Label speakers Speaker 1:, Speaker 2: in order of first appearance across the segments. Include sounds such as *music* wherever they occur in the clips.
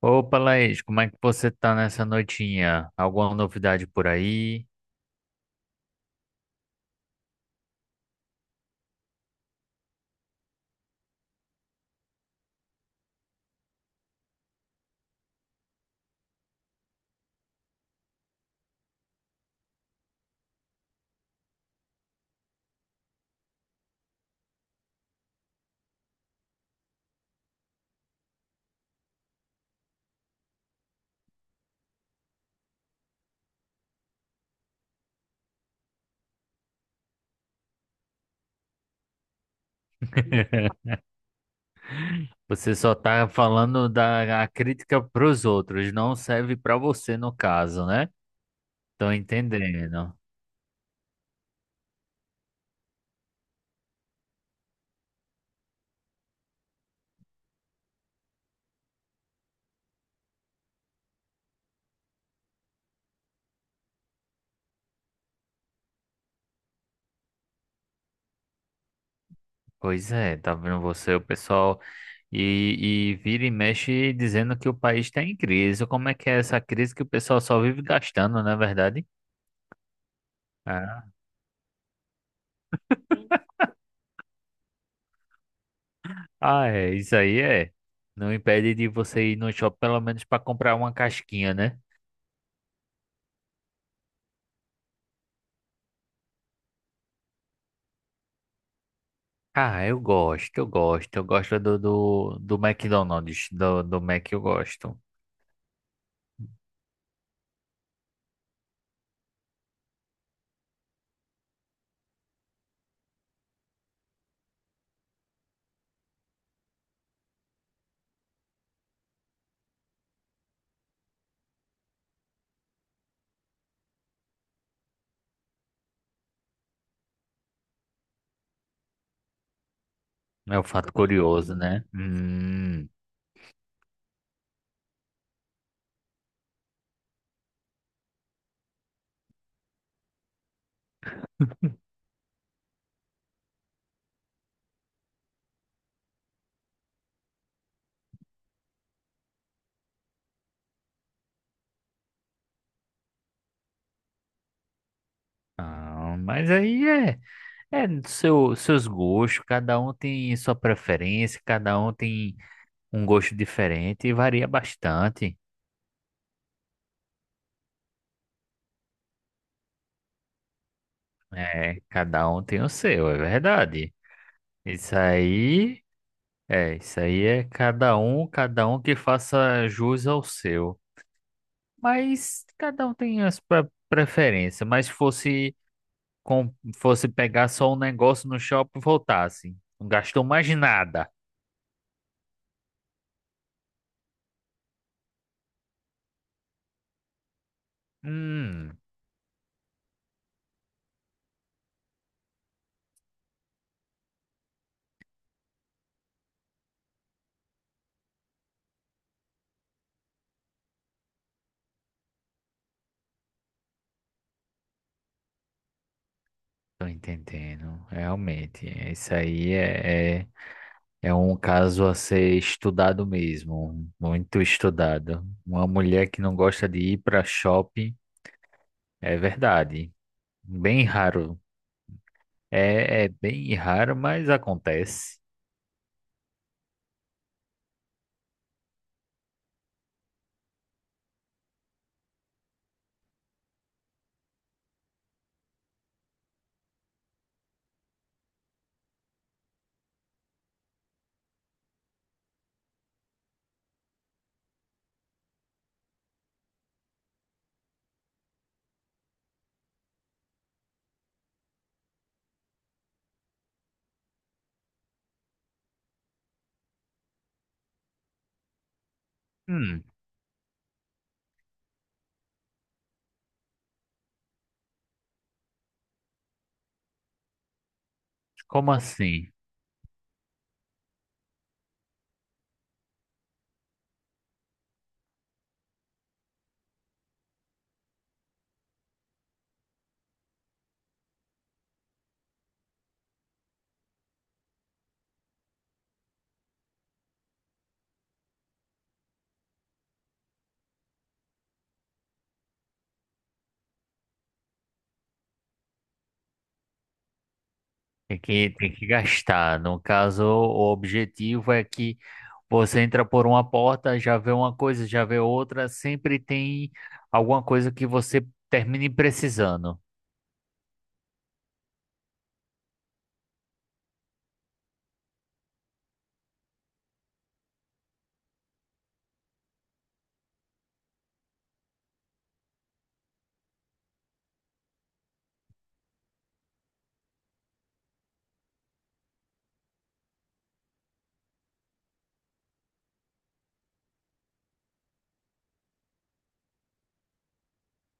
Speaker 1: Opa, Laís, como é que você tá nessa noitinha? Alguma novidade por aí? Você só tá falando da a crítica pros outros, não serve pra você no caso, né? Tô entendendo. Pois é, tá vendo você, o pessoal, e vira e mexe dizendo que o país tá em crise. Como é que é essa crise que o pessoal só vive gastando, não é verdade? Ah, ah, é, isso aí é. Não impede de você ir no shopping pelo menos pra comprar uma casquinha, né? Ah, eu gosto, eu gosto. Eu gosto do McDonald's, do Mac eu gosto. É um fato curioso, né? Ah, mas aí é, é seu, seus gostos, cada um tem sua preferência, cada um tem um gosto diferente e varia bastante. É, cada um tem o seu, é verdade. Isso aí, isso aí é cada um que faça jus ao seu. Mas cada um tem as preferências. Mas se fosse com, fosse pegar só um negócio no shopping e voltasse, não gastou mais nada. Hum, tô entendendo. Realmente, é, isso aí é é um caso a ser estudado mesmo, muito estudado. Uma mulher que não gosta de ir para shopping. É verdade. Bem raro. É, é bem raro, mas acontece. Hum, como assim? Tem que gastar. No caso, o objetivo é que você entra por uma porta, já vê uma coisa, já vê outra, sempre tem alguma coisa que você termine precisando.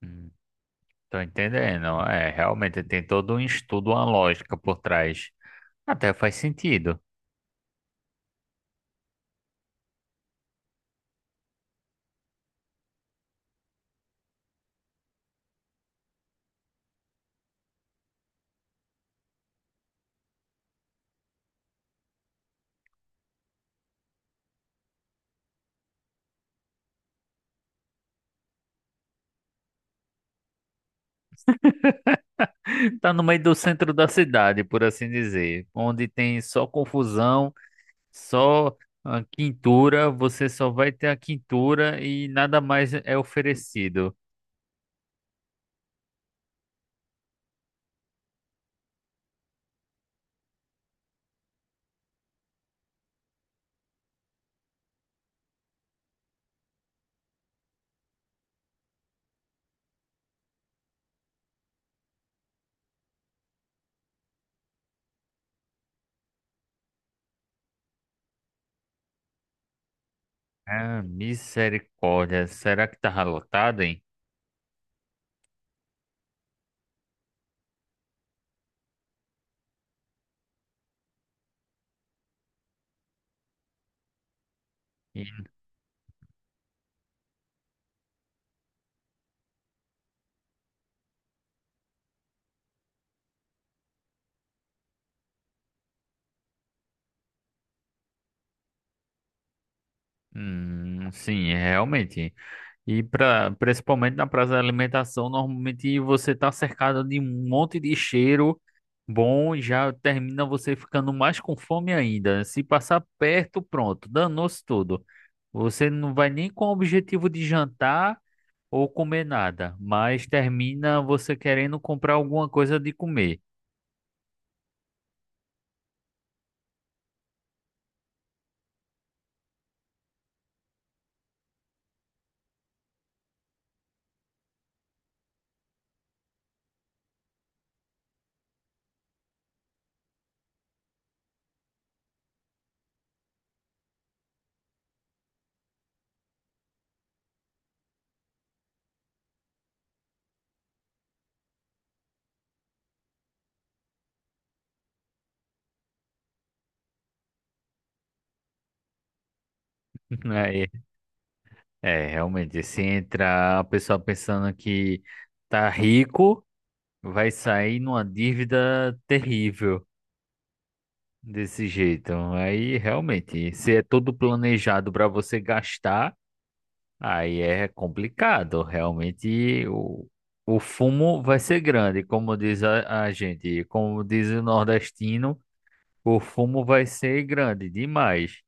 Speaker 1: Hum, tô entendendo. É, realmente tem todo um estudo, uma lógica por trás. Até faz sentido. Tá no meio do centro da cidade, por assim dizer, onde tem só confusão, só ah, quintura, você só vai ter a quintura e nada mais é oferecido. Ah, misericórdia, será que tá lotado, hein? E, sim, realmente. E pra, principalmente na praça da alimentação, normalmente você tá cercado de um monte de cheiro bom e já termina você ficando mais com fome ainda. Se passar perto, pronto, danou-se tudo. Você não vai nem com o objetivo de jantar ou comer nada, mas termina você querendo comprar alguma coisa de comer. *laughs* Aí, é, realmente, se entra a pessoa pensando que tá rico, vai sair numa dívida terrível. Desse jeito. Aí realmente, se é todo planejado para você gastar, aí é complicado. Realmente o fumo vai ser grande, como diz a gente, como diz o nordestino, o fumo vai ser grande demais.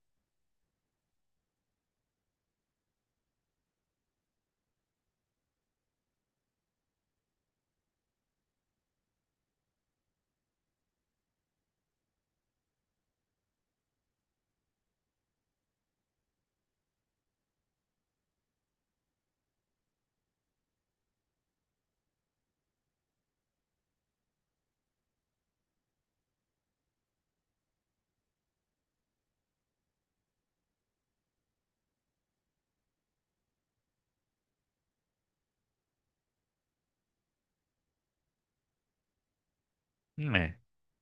Speaker 1: É,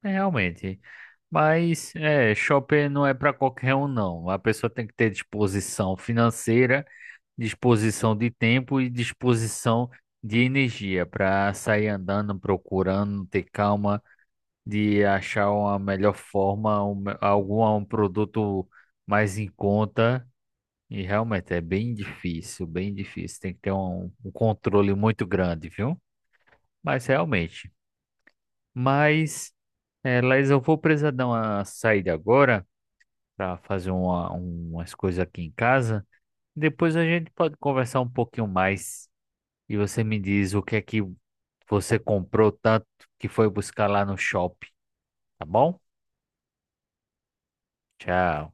Speaker 1: é realmente. Mas é, shopping não é para qualquer um, não. A pessoa tem que ter disposição financeira, disposição de tempo e disposição de energia para sair andando, procurando, ter calma de achar uma melhor forma, um, algum um produto mais em conta. E realmente é bem difícil, bem difícil. Tem que ter um controle muito grande, viu? Mas realmente. Mas, é, Laís, eu vou precisar dar uma saída agora para fazer uma, umas coisas aqui em casa. Depois a gente pode conversar um pouquinho mais. E você me diz o que é que você comprou tanto que foi buscar lá no shopping, tá bom? Tchau.